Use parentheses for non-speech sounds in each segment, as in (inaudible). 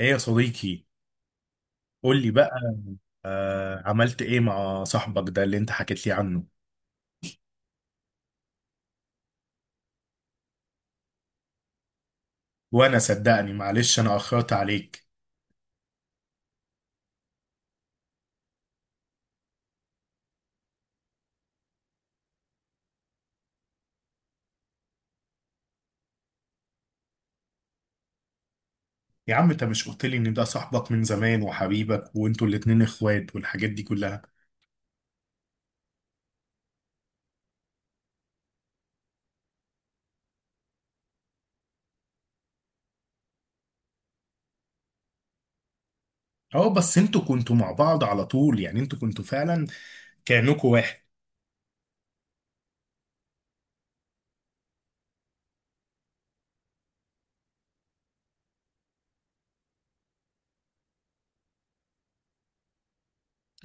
ايه يا صديقي؟ قول لي بقى. آه، عملت ايه مع صاحبك ده اللي انت حكيت لي عنه؟ وانا صدقني، معلش، انا اخرت عليك. يا عم، انت مش قلت لي ان ده صاحبك من زمان وحبيبك وانتوا الاتنين اخوات والحاجات دي كلها؟ اه، بس انتوا كنتوا مع بعض على طول، يعني انتوا كنتوا فعلا كأنكوا واحد.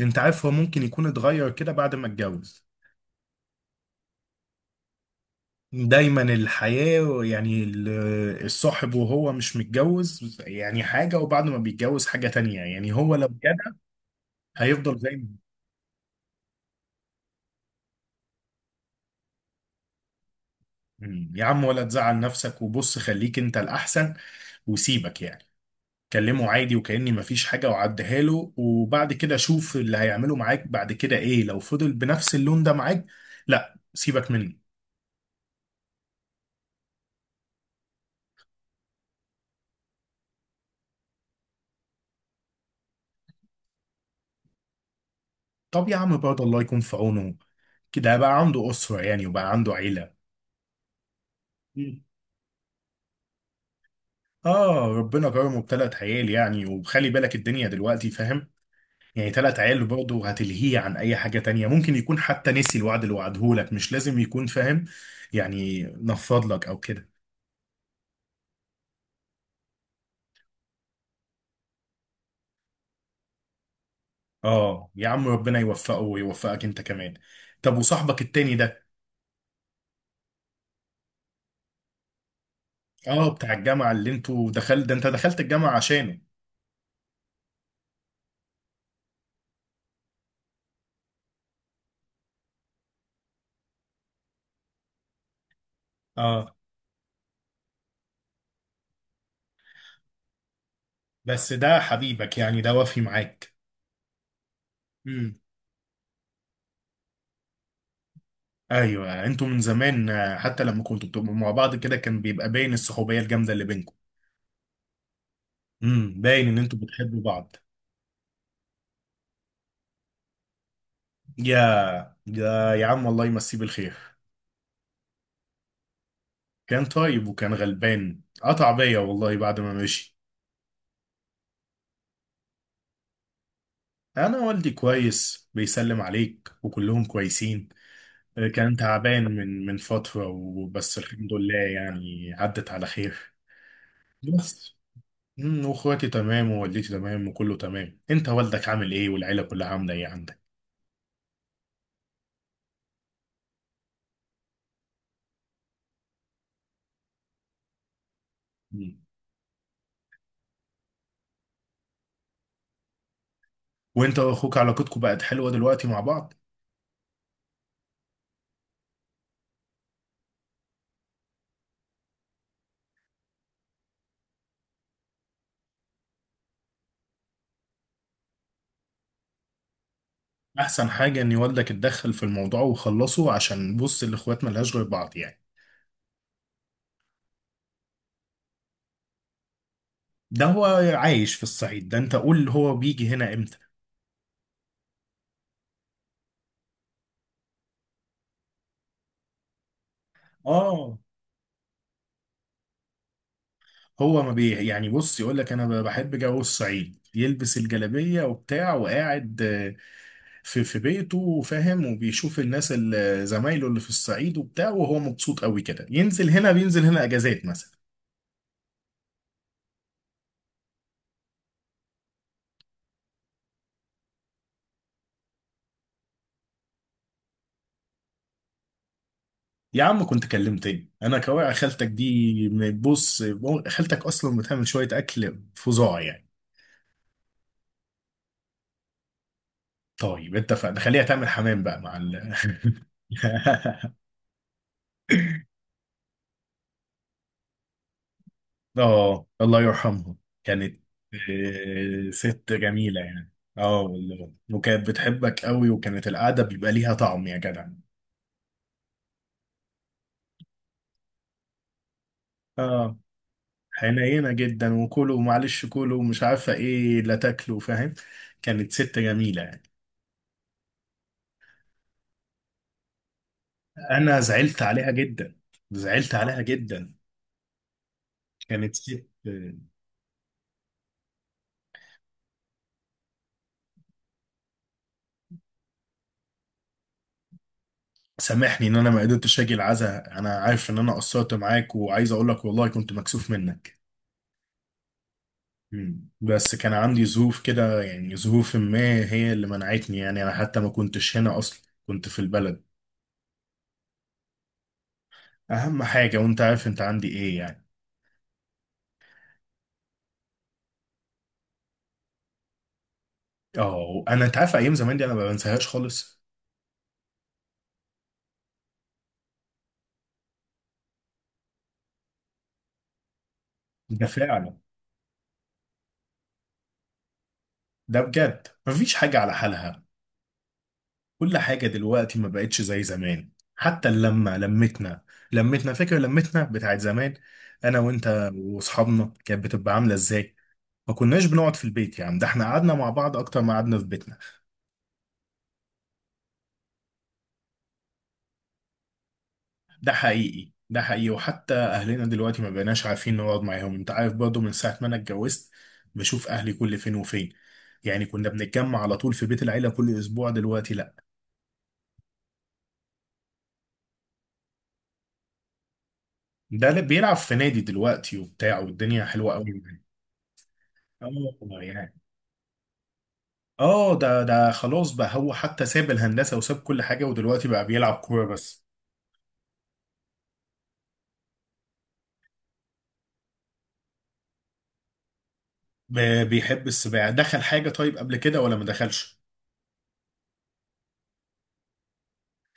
انت عارف، هو ممكن يكون اتغير كده بعد ما اتجوز. دايما الحياة يعني الصاحب وهو مش متجوز يعني حاجة، وبعد ما بيتجوز حاجة تانية، يعني هو لو جد هيفضل زي ما. مم. يا عم، ولا تزعل نفسك وبص خليك انت الاحسن وسيبك يعني. كلمه عادي وكأني مفيش حاجة وعديها له، وبعد كده شوف اللي هيعمله معاك بعد كده ايه. لو فضل بنفس اللون ده معاك، لا، سيبك منه. طب يا عم برضه الله يكون في عونه. كده بقى عنده أسرة يعني وبقى عنده عيلة. مم. اه، ربنا كرمه بثلاث عيال يعني، وخلي بالك الدنيا دلوقتي فاهم. يعني تلات عيال برضه هتلهيه عن اي حاجة تانية. ممكن يكون حتى نسي الوعد اللي وعده لك، مش لازم يكون فاهم يعني. نفض لك او كده. اه يا عم، ربنا يوفقه ويوفقك انت كمان. طب وصاحبك التاني ده؟ اه بتاع الجامعة اللي انتوا دخلت ده، انت دخلت الجامعة عشانه. اه، بس ده حبيبك يعني، ده وافي معاك. امم، ايوه، انتوا من زمان، حتى لما كنتوا بتبقوا مع بعض كده كان بيبقى باين الصحوبية الجامدة اللي بينكم. امم، باين ان انتوا بتحبوا بعض. يا عم، والله يمسيه بالخير. كان طيب وكان غلبان، قطع بيا والله بعد ما مشي. انا والدي كويس، بيسلم عليك وكلهم كويسين. كان تعبان من فترة، وبس الحمد لله يعني عدت على خير. بس واخواتي تمام ووالدتي تمام وكله تمام. انت والدك عامل ايه؟ والعيلة كلها عاملة ايه عندك؟ أمم. وانت واخوك علاقتكم بقت حلوة دلوقتي مع بعض. احسن حاجة ان والدك اتدخل في الموضوع وخلصه، عشان بص الاخوات ملهاش غير بعض يعني. ده هو عايش في الصعيد ده. انت قول، هو بيجي هنا امتى؟ اه، هو ما بي يعني، بص يقول لك انا بحب جو الصعيد، يلبس الجلابية وبتاع وقاعد في بيته، فاهم، وبيشوف الناس اللي زمايله اللي في الصعيد وبتاع، وهو مبسوط قوي كده. ينزل هنا، بينزل هنا اجازات مثلا. يا عم كنت كلمتني. انا كواقع خالتك دي، بص، خالتك اصلا بتعمل شوية اكل فظاع يعني. طيب اتفقنا، خليها تعمل حمام بقى مع ال (laughs) اه، الله يرحمها. كانت ست جميلة يعني. اه والله، وكانت بتحبك قوي، وكانت القعدة بيبقى ليها طعم يا جدع. اه، حنينة جدا، وكلوا معلش كلوا ومش عارفة ايه، لا تاكلوا، فاهم. كانت ست جميلة يعني. انا زعلت عليها جدا، زعلت عليها جدا. كانت ست. سامحني ان انا ما قدرتش اجي العزاء، انا عارف ان انا قصرت معاك، وعايز اقول لك والله كنت مكسوف منك. مم. بس كان عندي ظروف كده يعني، ظروف ما هي اللي منعتني يعني. انا حتى ما كنتش هنا اصلا، كنت في البلد. اهم حاجة، وانت عارف انت عندي ايه يعني. اه، انا انت عارف ايام زمان دي انا ما بنساهاش خالص. ده فعلا. ده بجد مفيش حاجة على حالها. كل حاجة دلوقتي ما بقتش زي زمان. حتى اللمة، لمتنا، لمتنا فاكر، لمتنا بتاعت زمان انا وانت واصحابنا كانت بتبقى عاملة ازاي؟ ما كناش بنقعد في البيت يعني، ده احنا قعدنا مع بعض اكتر ما قعدنا في بيتنا. ده حقيقي، ده حقيقي. وحتى اهلنا دلوقتي ما بقيناش عارفين نقعد معاهم. انت عارف برضه من ساعه ما انا اتجوزت بشوف اهلي كل فين وفين. يعني كنا بنتجمع على طول في بيت العيله كل اسبوع، دلوقتي لا. ده اللي بيلعب في نادي دلوقتي وبتاع، والدنيا حلوه قوي يعني. اه يعني. اه، ده خلاص بقى، هو حتى ساب الهندسه وساب كل حاجه، ودلوقتي بقى بيلعب كوره بس. ب- بيحب السباحه. دخل حاجه طيب قبل كده ولا ما دخلش؟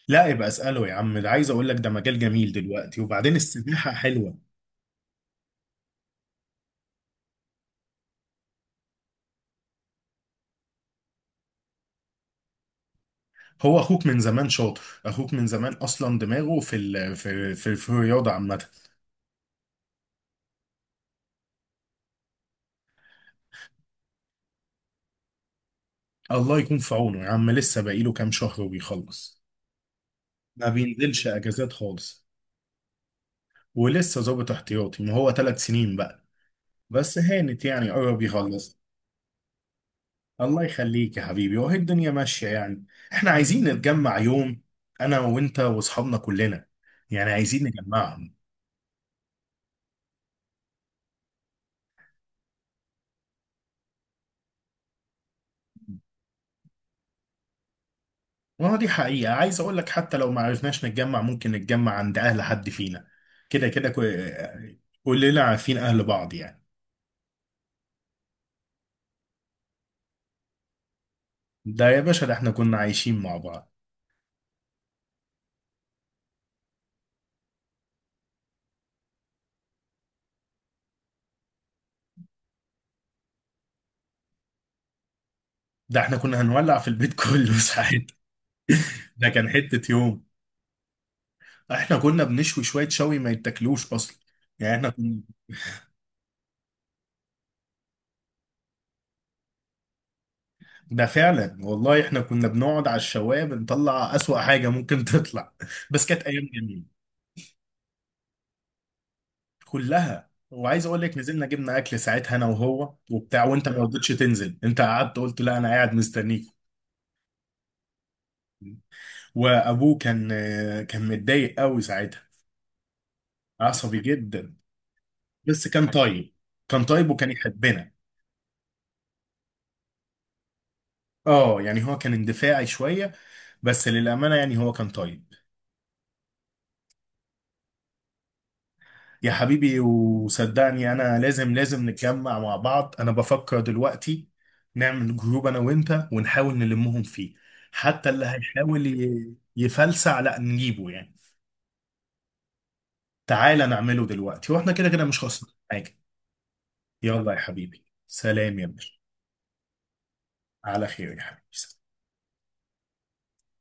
لا يبقى اساله يا عم. ده عايز اقول لك ده مجال جميل دلوقتي، وبعدين السباحه حلوه. هو اخوك من زمان شاطر. اخوك من زمان اصلا دماغه في الرياضه عامه. الله يكون في عونه يا عم، لسه باقيله كام شهر وبيخلص. ما بينزلش اجازات خالص. ولسه ظابط احتياطي، ما هو 3 سنين بقى. بس هانت يعني، قرب يخلص. الله يخليك يا حبيبي. وهي الدنيا ماشيه يعني. احنا عايزين نتجمع يوم انا وانت واصحابنا كلنا، يعني عايزين نجمعهم. ما دي حقيقة. عايز اقول لك، حتى لو ما عرفناش نتجمع، ممكن نتجمع عند اهل حد فينا. كده كده كلنا عارفين اهل بعض يعني. ده يا باشا، ده احنا كنا عايشين مع بعض. ده احنا كنا هنولع في البيت (laughs) كله ساعات. ده كان حتة يوم. احنا كنا بنشوي شوية شوي ما يتاكلوش اصلا يعني. احنا كنا. ده فعلا والله، احنا كنا بنقعد على الشواية بنطلع اسوأ حاجة ممكن تطلع (laughs) بس كانت ايام جميلة. كلها. وعايز اقول لك، نزلنا جبنا اكل ساعتها انا وهو وبتاع، وانت ما رضيتش تنزل. انت قعدت قلت لا، انا قاعد مستنيك. وابوه كان متضايق قوي ساعتها. عصبي جدا. بس كان طيب. كان طيب وكان يحبنا. اه يعني، هو كان اندفاعي شوية، بس للأمانة يعني هو كان طيب. يا حبيبي، وصدقني انا لازم لازم نتجمع مع بعض. انا بفكر دلوقتي نعمل جروب انا وانت، ونحاول نلمهم فيه. حتى اللي هيحاول يفلسع لا نجيبه يعني. تعالى نعمله دلوقتي، واحنا كده كده مش خسرانين حاجة. يلا يا حبيبي، سلام يا باشا. على خير يا حبيبي.